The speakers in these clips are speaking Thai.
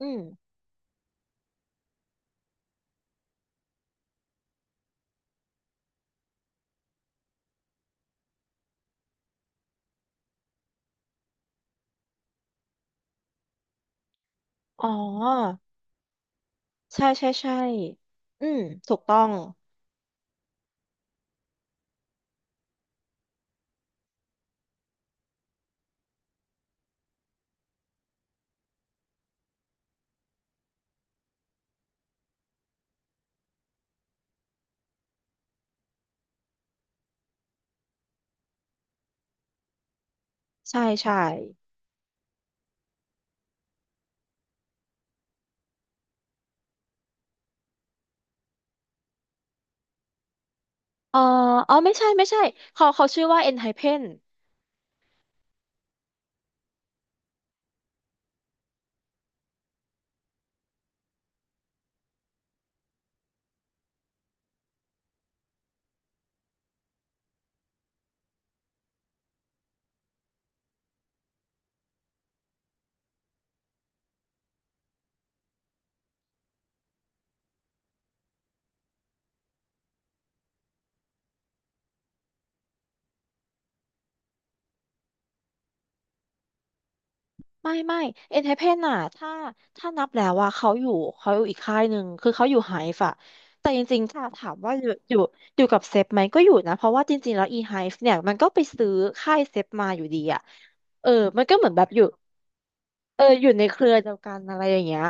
อืม อ๋อ ใช่ใช่ใช่อืม ถูกต้อง ใช่ใช่เอออ๋อ ไม่ใช่ไม่ใช่เขาเขาชื่อว่า ENHYPEN ไฮเพ่นไม่ไม่ ENHYPEN นไฮเพ่นน่ะถ้าถ้านับแล้วว่าเขาอยู่เขาอยู่อีกค่ายหนึ่ง คือเขาอยู่ไฮฟอะแต่จริงๆถ้าถามว่าอยู่อยู่อยู่กับเซฟไหมก็อยู่นะ เพราะว่าจริงๆ แล้ว E-Hive เนี่ยมันก็ไปซื้อค่ายเซฟมาอยู่ดีอะเออ มันก็เหมือนแบบอยู่เอออยู่ในเครือเดียวกันอะไรอย่างเงี้ย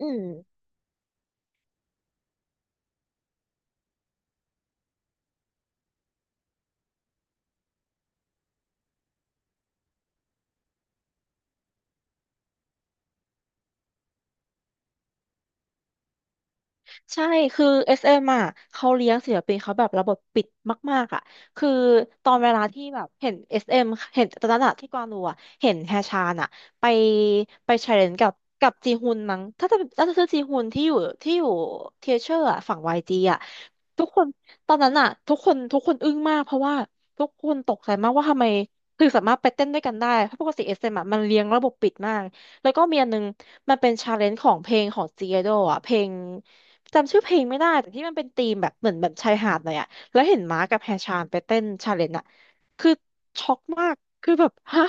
อืม ใช่คือ SM อสเอ็มอ่ะเขาเลี้ยงศิลปินเขาแบบระบบปิดมากๆอ่ะคือตอนเวลาที่แบบเห็น SM เอ็มเห็นตอนนั้นอะที่กวางดูอ่ะ เห็นแฮชานอ่ะไปไปแชร์เลนกับกับจีฮุนมั้งถ้าจะถ้าจะชื่อจีฮุนที่อยู่ที่อยู่เทเชอร์อะฝั่งวายจีอ่ะทุกคนตอนนั้นอ่ะทุกคนทุกคนอึ้งมากเพราะว่าทุกคนตกใจมากว่าทำไมคือสามารถไปเต้นด้วยกันได้เพราะปกติ SM อสเอ็มอะมันเลี้ยงระบบปิดมาก แล้วก็มีอันนึงมันเป็นชาเลนจ์ของเพลงของจีเอโดอ่ะเพลงจำชื่อเพลงไม่ได้แต่ที่มันเป็นธีมแบบเหมือนแบบชายหาดหน่อยอ่ะแล้วเห็นม้ากับแฮชานไปเต้นชาเลนจ์อ่ะคือช็อกมากคือแบบฮะ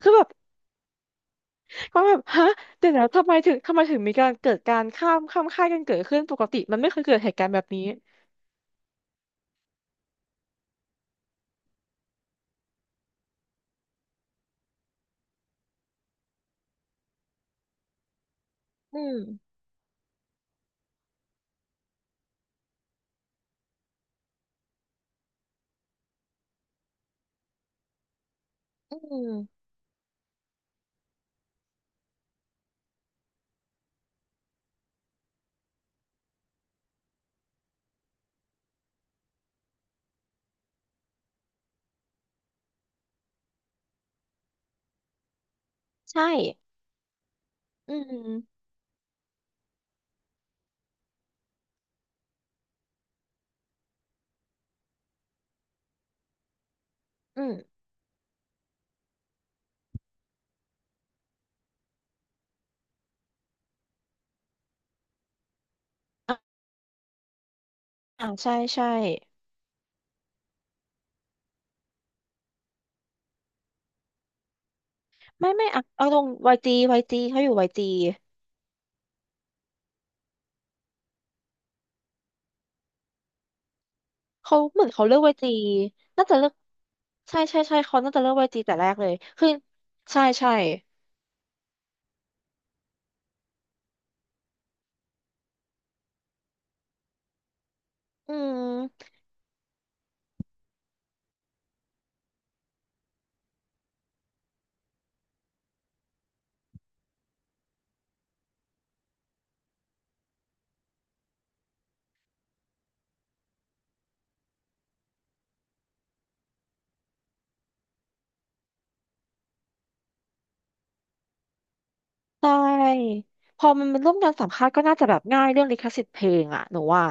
คือแบบก็แบบฮะเดี๋ยวนะทำไมถึงทำไมถึงมีการเกิดการข้ามข้ามค่ายกันเกิดขึ้นปกติมันไม่เคยเกิดเหตุการณ์แบบนี้อืมอืมใช่อืมอืมอ่าใช่ใช่ไม่ไม่อ่ะเอาลงวาย y ีวายจีเขาอยู่ y ี เขาเหมือนเขาเลือกเวทีน่าจะเลือกใช่ใช่ใช่เขาน่าจะเลือกเวทีแต่แรกเลยคือใช่ใช่อืมใช่พอมันเป็นร่วมงานสัมภาษณ์ก็น่าจะแบบง่ายเรื่องลิขสิทธิ์เพลงอะหนูว่า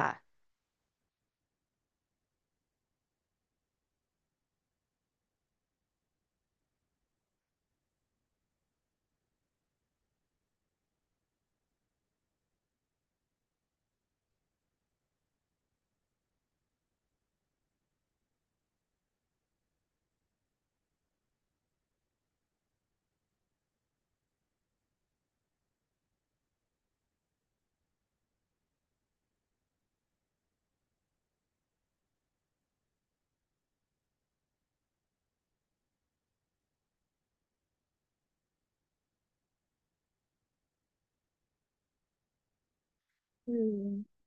อืม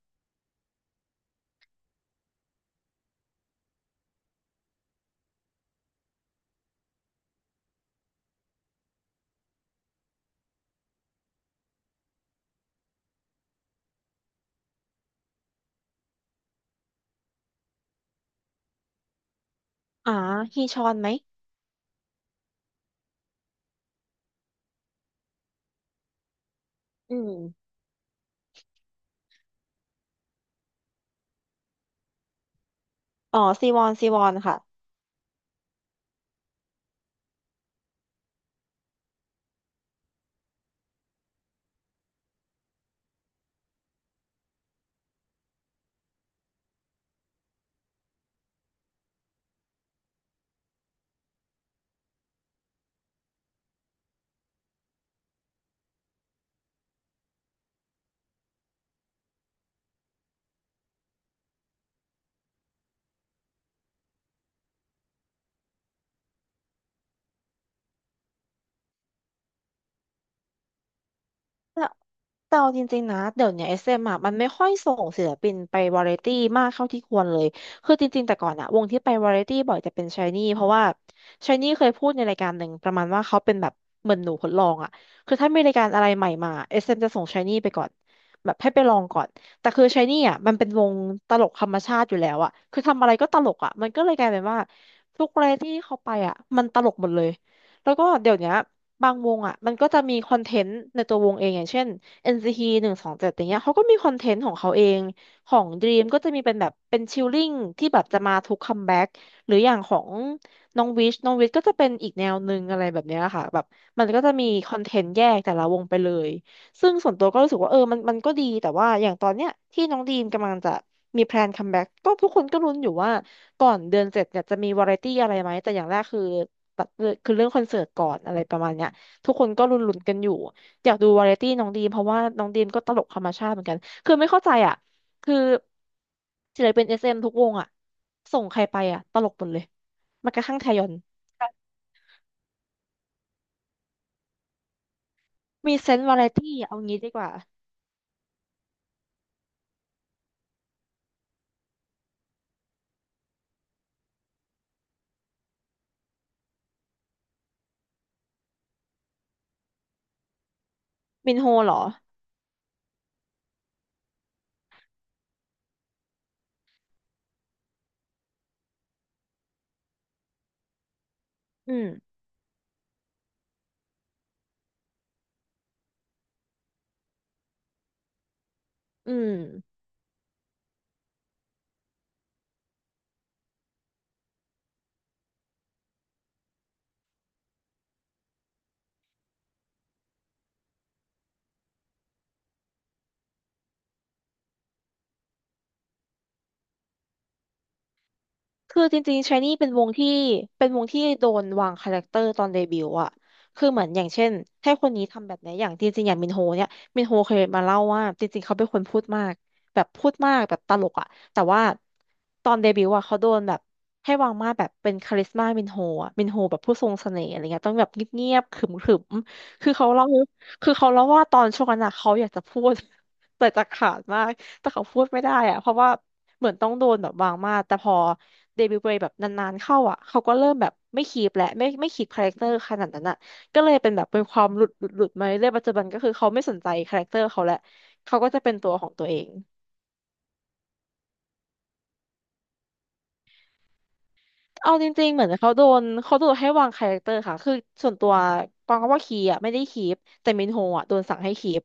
อ่าฮีชอนไหมอืมอ๋อซีวอนซีวอนค่ะ แต่แต่เอาจริงๆนะเดี๋ยวเนี้เอสเอ็มอะมันไม่ค่อยส่งศิลปินไปวาไรตี้มากเท่าที่ควรเลยคือจริงๆแต่ก่อนอะวงที่ไปวาไรตี้บ่อยจะเป็นชายนี่เพราะว่าชายนี่เคยพูดในรายการหนึ่งประมาณว่าเขาเป็นแบบเหมือนหนูทดลองอะคือถ้ามีรายการอะไรใหม่มาเอสเอ็มจะส่งชายนี่ไปก่อนแบบให้ไปลองก่อนแต่คือชายนี่อะมันเป็นวงตลกธรรมชาติอยู่แล้วอะคือทำอะไรก็ตลกอะมันก็เลยกลายเป็นว่าทุกวาไรตี้เขาไปอะมันตลกหมดเลยแล้วก็เดี๋ยวเนี้ย บางวงอ่ะมันก็จะมีคอนเทนต์ในตัววงเองอย่างเช่น NCT หนึ่งสองเจ็ดอย่างเงี้ยเขาก็มีคอนเทนต์ของเขาเองของ Dream ก็จะมีเป็นแบบเป็นชิลลิ่งที่แบบจะมาทุกคัมแบ็กหรืออย่างของน้องวิชน้องวิชก็จะเป็นอีกแนวหนึ่งอะไรแบบเนี้ยค่ะแบบมันก็จะมีคอนเทนต์แยกแต่ละวงไปเลยซึ่งส่วนตัวก็รู้สึกว่าเออมันมันก็ดีแต่ว่าอย่างตอนเนี้ยที่น้องดีมกำลังจะมีแพลนคัมแบ็กก็ทุกคนก็ลุ้นอยู่ว่าก่อนเดือนเจ็จเนี่ยจะมีวาไรตี้อะไรไหมแต่อย่างแรกคือ ตัดคือเรื่องคอนเสิร์ตก่อนอะไรประมาณเนี้ยทุกคนก็ลุ้นๆกันอยู่อยากดูวาไรตี้น้องดีมเพราะว่าน้องดีมก็ตลกธรรมชาติเหมือนกันคือไม่เข้าใจอ่ะคือศิลปินเอสเอ็มทุกวงอ่ะส่งใครไปอ่ะตลกหมดเลยแม้กระทั่งไทยอนมีเซนส์วาไรตี้เอางี้ดีกว่ามินโฮเหรออืมอืม คือจริงๆชายนี่เป็นวงที่เป็นวงที่โดนวางคาแรคเตอร์ตอนเดบิวต์อะคือเหมือนอย่างเช่นให้คนนี้ทำแบบไหนอย่างจริงๆอย่างมินโฮเนี่ยมินโฮเคยมาเล่าว่าจริงๆเขาเป็นคนพูดมากแบบพูดมากแบบตลกอะแต่ว่าตอนเดบิวต์อะเขาโดนแบบให้วางมาตรแบบเป็นคาริสมามินโฮอะมินโฮแบบผู้ทรงเสน่ห์อะไรเงี้ยต้องแบบเงียบๆขรึมๆคือเขาเล่าคือเขาเล่าว่าตอนช่วงนั้นอะเขาอยากจะพูด แต่จะขาดมากแต่เขาพูดไม่ได้อะเพราะว่าเหมือนต้องโดนแบบวางมาตรแต่พอ เดบิวต์ไปแบบนานๆเข้าอ่ะเขาก็เริ่มแบบไม่คีปและไม่ไม่คีปคาแรคเตอร์ขนาดนั้นอ่ะก็เลยเป็นแบบเป็นความหลุดหลุดหลุดมาเรื่อยปัจจุบันก็คือเขาไม่สนใจคาแรคเตอร์เขาแล้วเขาก็จะเป็นตัวของตัวเองเอาจริงๆเหมือนเขาโดนเขาโดนให้วางคาแรคเตอร์ค่ะคือส่วนตัวปองก็ว่าคีอ่ะไม่ได้คีปแต่มินโฮอ่ะโดนสั่งให้คีป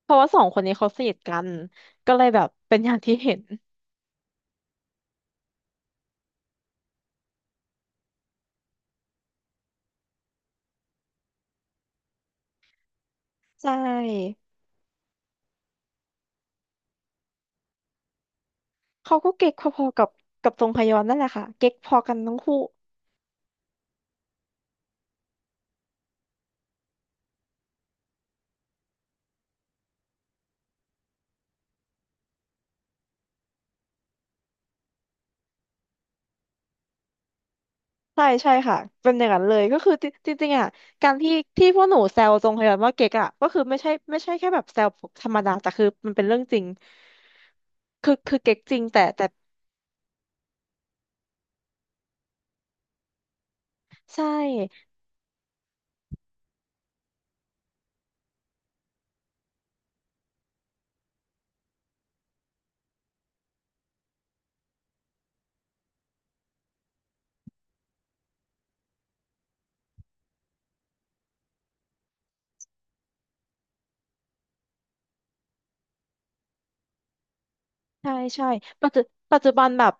เพราะว่าสองคนนี้เขาสนิทกันก็เลยแบบเป็นอย่างที่เห็นใช่เขาก็เก๊กพอๆกับกับทรงพยอนนั่นแหละค่ะเก๊กพอกันทั้งคู่ ใช่ใช่ค่ะเป็นอย่างนั้นเลยก็คือจริงจริงๆอ่ะการที่ที่พวกหนูแซวทรงพยาบาลว่าเก๊กอ่ะก็คือไม่ใช่ไม่ใช่แค่แบบแซวธรรมดาแต่คือมันเป็นเรื่องจริงคือคือเก๊กจริงแต่แต่ใช่ใช่ใช่ปัจจุปัจจุบันแบบ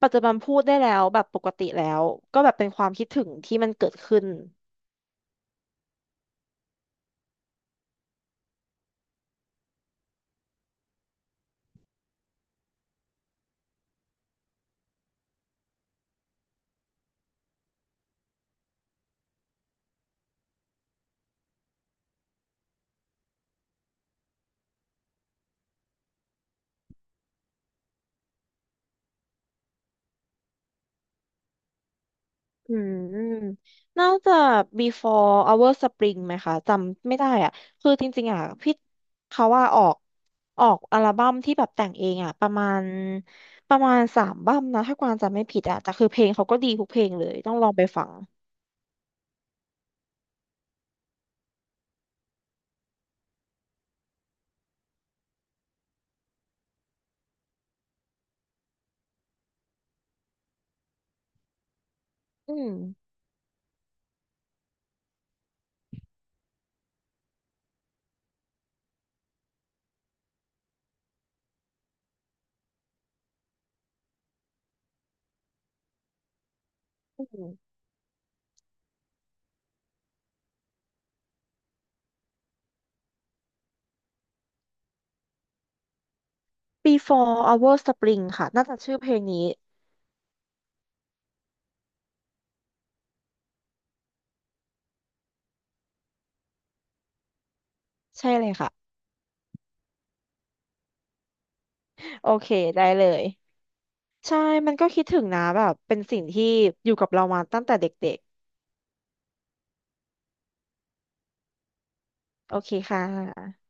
ปัจจุบันพูดได้แล้วแบบปกติแล้วก็แบบเป็นความคิดถึงที่มันเกิดขึ้น อืมน่าจะ before our spring ไหมคะจำไม่ได้อ่ะ คือจริงๆอ่ะพี่เขาว่าออกออกอัลบั้มที่แบบแต่งเองอ่ะประมาณประมาณสามบั้มนะถ้ากวางจำไม่ผิดอ่ะแต่คือเพลงเขาก็ดีทุกเพลงเลยต้องลองไปฟังอืมอืม Before Our Spring ค่ะน่าจะชื่อเพลงนี้ใช่เลยค่ะโอเคได้เลยใช่มันก็คิดถึงนะแบบเป็นสิ่งที่อยู่กับเรามาตั้งแต่เด็กๆโอเคค่ะ